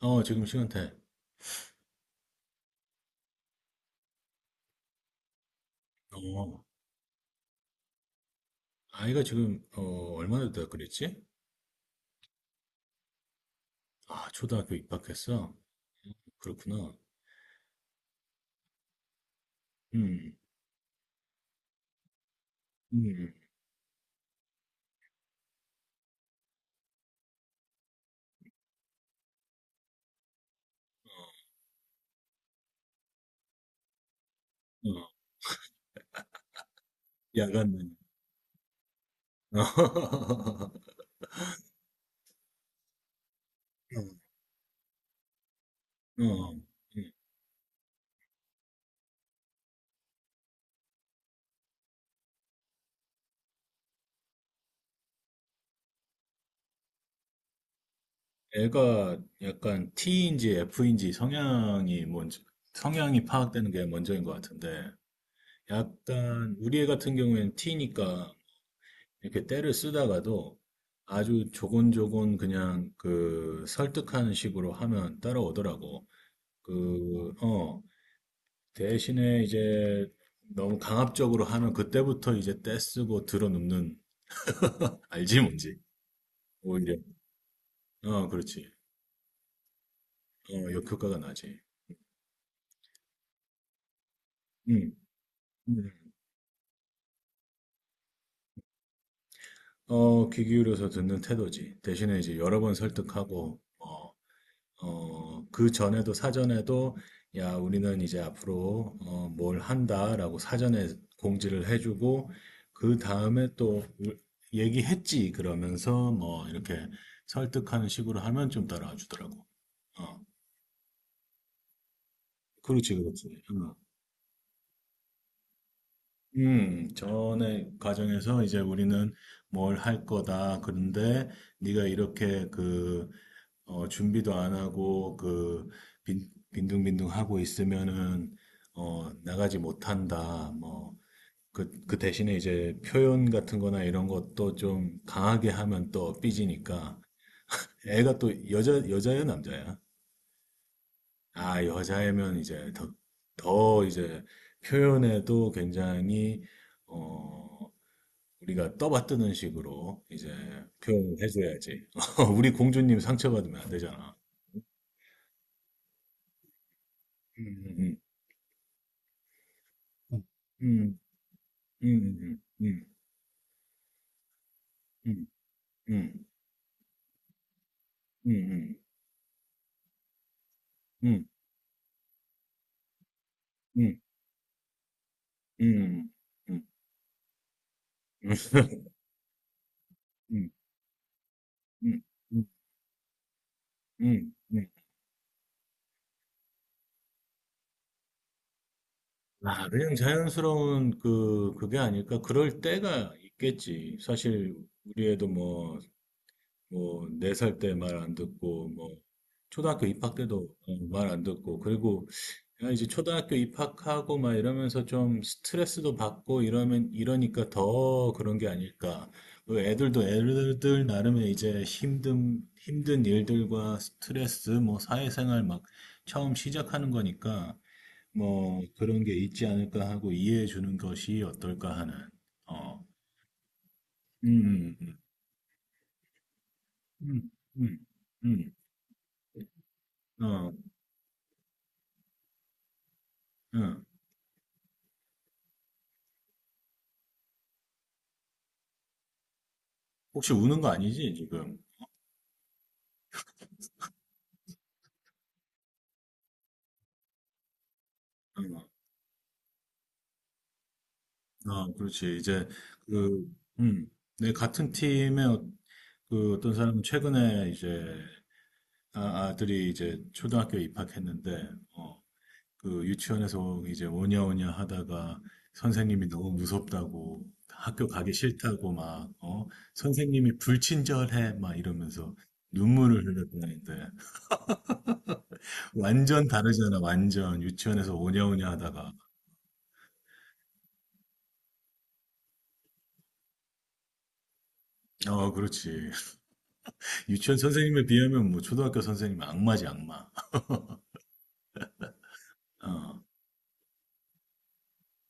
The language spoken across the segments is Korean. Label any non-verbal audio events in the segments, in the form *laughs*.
어, 지금 시간대. 어, 아이가 지금, 얼마나 됐다 그랬지? 아, 초등학교 입학했어? 그렇구나. 음, 음, 어, 야간, 어, *laughs* 어, 어, 음. 애가 약간 T인지 F인지 성향이 뭔지, 성향이 파악되는 게 먼저인 것 같은데, 약간, 우리 애 같은 경우에는 T니까, 이렇게 때를 쓰다가도, 아주 조곤조곤 그냥 그 설득하는 식으로 하면 따라오더라고. 그, 대신에 이제 너무 강압적으로 하면 그때부터 이제 떼쓰고 들어눕는, 알지 뭔지? 오히려. 어, 그렇지. 어, 역효과가 나지. 응. 응. 어, 귀 기울여서 듣는 태도지. 대신에 이제 여러 번 설득하고, 그 전에도 사전에도 야, 우리는 이제 앞으로 뭘 한다라고 사전에 공지를 해주고 그 다음에 또 얘기했지 그러면서 뭐 이렇게 설득하는 식으로 하면 좀 따라와 주더라고. 어, 그렇지, 그렇지. 전에 과정에서 이제 우리는 뭘 할 거다. 그런데 네가 이렇게 그 준비도 안 하고 그 빈둥빈둥 하고 있으면은 나가지 못한다. 뭐 그 대신에 이제 표현 같은 거나 이런 것도 좀 강하게 하면 또 삐지니까 애가 또 여자예요, 남자야? 아, 여자애면 이제 더 이제 표현에도 굉장히 어, 우리가 떠받드는 식으로 이제 표현을 해줘야지. *laughs* 우리 공주님 상처받으면 안 되잖아. 음, 음, 음. 음. 음. 음. 음. 음. 음. 음. 음. 음. 음. *laughs* 음. 음. 음. 음. 음. 아, 그냥 자연스러운 그게 아닐까? 그럴 때가 있겠지. 사실 우리 애도 뭐, 네 살 때 말 안 듣고, 뭐, 초등학교 입학 때도 말 안 듣고, 그리고 야, 이제 초등학교 입학하고 막 이러면서 좀 스트레스도 받고 이러니까 더 그런 게 아닐까. 그 애들도 애들들 나름의 이제 힘든 일들과 스트레스, 뭐, 사회생활 막 처음 시작하는 거니까, 뭐, 그런 게 있지 않을까 하고 이해해 주는 것이 어떨까 하는, 어, 음, 음, 음, 음, 음, 어, 어. 혹시 우는 거 아니지, 지금? 응. 아, 그렇지. 이제, 그, 음, 내 같은 팀의 그 어떤 사람은 최근에 이제, 아, 아들이 이제 초등학교에 입학했는데, 어, 그 유치원에서 이제 오냐오냐 하다가 선생님이 너무 무섭다고, 학교 가기 싫다고 막, 선생님이 불친절해, 막 이러면서 눈물을 흘렸다는데, *laughs* 완전 다르잖아, 완전. 유치원에서 오냐오냐 하다가. 어, 그렇지. 유치원 선생님에 비하면 뭐 초등학교 선생님은 악마지 악마. 어,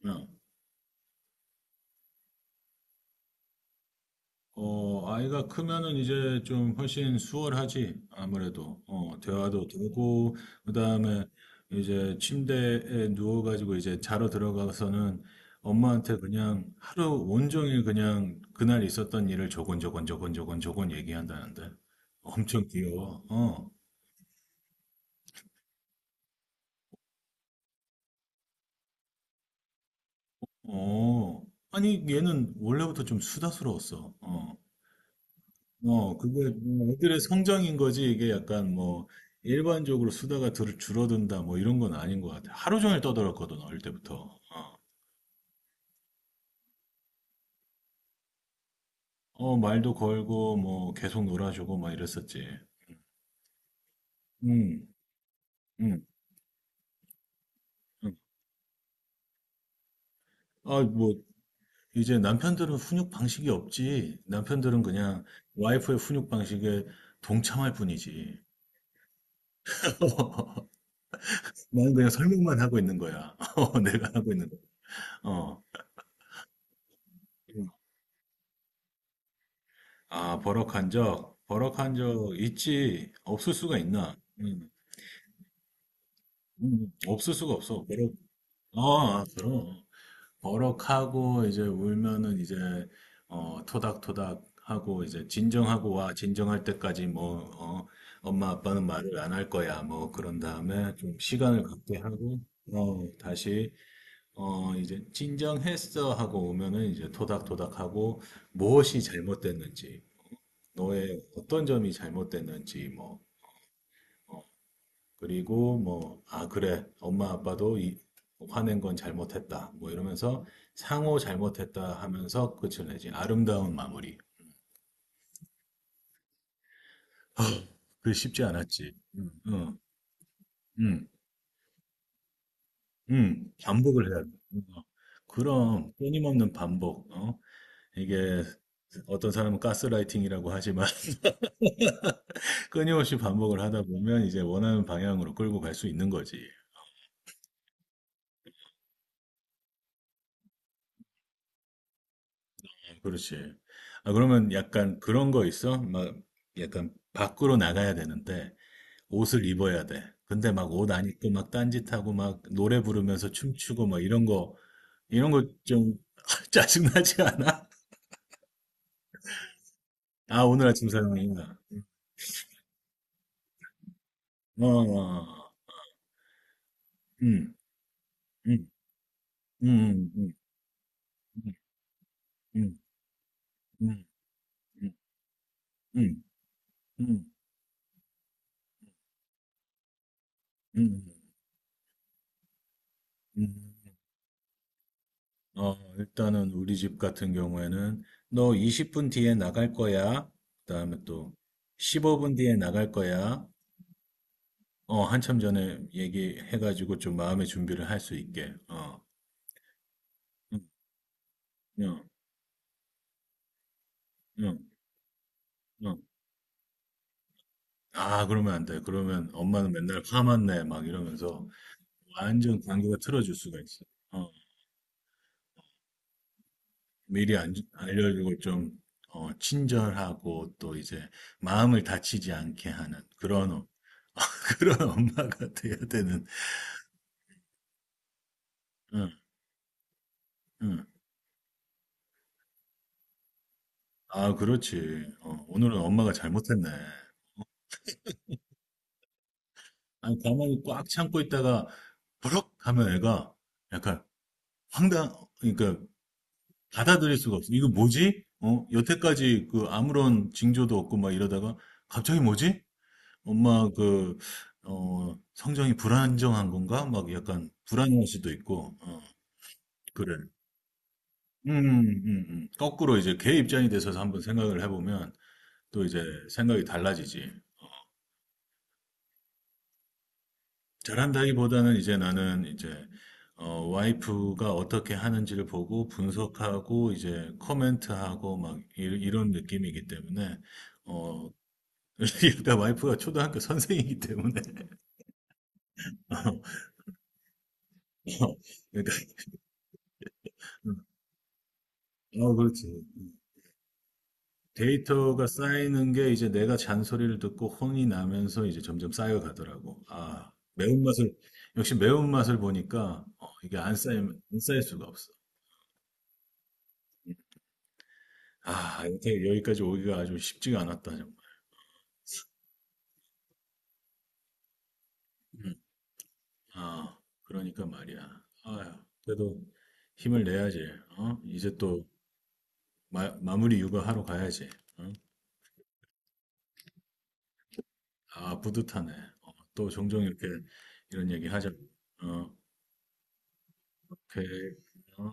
어. 어, 아이가 크면은 이제 좀 훨씬 수월하지 아무래도 대화도 되고 그다음에 이제 침대에 누워가지고 이제 자러 들어가서는 엄마한테 그냥 하루 온종일 그냥 그날 있었던 일을 조곤조곤 조곤조곤 저건 얘기한다는데 엄청 귀여워. 어, 어. 아니 얘는 원래부터 좀 수다스러웠어. 어. 어, 그게 뭐 애들의 성장인 거지 이게 약간 뭐 일반적으로 수다가 줄어든다 뭐 이런 건 아닌 것 같아. 하루 종일 떠들었거든 어릴 때부터. 어, 말도 걸고 뭐 계속 놀아주고 막 이랬었지. 음, 음, 음. 아, 뭐 이제 남편들은 훈육 방식이 없지. 남편들은 그냥 와이프의 훈육 방식에 동참할 뿐이지. *laughs* 나는 그냥 설명만 하고 있는 거야. *laughs* 내가 하고 있는 거야. 어. 아, 버럭한 적 있지. 없을 수가 있나? 없을 수가 없어. 버럭. 아, 그럼. 버럭하고 이제 울면은 이제 토닥토닥 하고 이제 진정하고 와. 진정할 때까지 뭐 엄마 아빠는 말을 안 할 거야. 뭐 그런 다음에 좀 시간을 갖게 하고 다시 이제 진정했어 하고 오면은 이제 토닥토닥 하고 무엇이 잘못됐는지 너의 어떤 점이 잘못됐는지 뭐 어, 그리고 뭐 아 그래 엄마 아빠도 이 화낸 건 잘못했다 뭐 이러면서 상호 잘못했다 하면서 끝을 내지 아름다운 마무리 *gasps* 아, 그게 쉽지 않았지 응, 응, 응. 응. 반복을 해야 돼 어. 어. 그럼 끊임없는 반복 어? 이게 어떤 사람은 가스라이팅이라고 하지만 *laughs* 끊임없이 반복을 하다 보면 이제 원하는 방향으로 끌고 갈 수 있는 거지 그렇지. 아, 그러면 약간 그런 거 있어? 막 약간 밖으로 나가야 되는데 옷을 입어야 돼. 근데 막 옷 안 입고 막 딴짓하고 막 노래 부르면서 춤추고 막 이런 거, 이런 거 좀 *laughs* 짜증나지 않아? 아, 오늘 아침 사용이구나. 어, 어, 음, 음, 음, 음, 음, 음, 음, 음, 음, 음, 음, 음. 어, 일단은 우리 집 같은 경우에는 너 20분 뒤에 나갈 거야. 그다음에 또 15분 뒤에 나갈 거야. 어, 한참 전에 얘기해가지고 좀 마음의 준비를 할 수 있게. 어, 응, 응, 응, 응. 아, 그러면 안 돼. 그러면 엄마는 맨날 화만 내. 막 이러면서 완전 관계가 틀어질 수가 있어. 어, 미리 알려주고 좀 친절하고 또 이제 마음을 다치지 않게 하는 그런, *laughs* 그런 엄마가 돼야 되는. 응. 응. 아, 그렇지. 어, 오늘은 엄마가 잘못했네. 아니, 가만히 꽉 참고 있다가 버럭 하면 애가 약간 황당, 그러니까 받아들일 수가 없어. 이거 뭐지? 여태까지 그 아무런 징조도 없고 막 이러다가 갑자기 뭐지? 엄마 그, 성정이 불안정한 건가? 막 약간 불안할 수도 있고, 그래. 음, 음, 음. 거꾸로 이제 걔 입장이 돼서 한번 생각을 해보면 또 이제 생각이 달라지지. 잘한다기보다는 이제 나는 이제 와이프가 어떻게 하는지를 보고 분석하고 이제 코멘트하고 막 이런 느낌이기 때문에 어 *laughs* 그러니까 와이프가 초등학교 선생이기 때문에 *laughs* 어, 그러니까 어 그렇지 데이터가 쌓이는 게 이제 내가 잔소리를 듣고 혼이 나면서 이제 점점 쌓여가더라고 아 매운맛을 역시 매운맛을 보니까 이게 안 쌓이면 안 쌓일 수가 없어 아, 여태 여기까지 오기가 아주 쉽지가 않았다, 정말. 음. 아, 그러니까 말이야. 아휴, 그래도 힘을 내야지. 어? 이제 또 마무리 육아하러 가야지. 어? 아, 뿌듯하네. 어, 또 종종 이렇게 이런 얘기 하자. 어, 오케이. 어?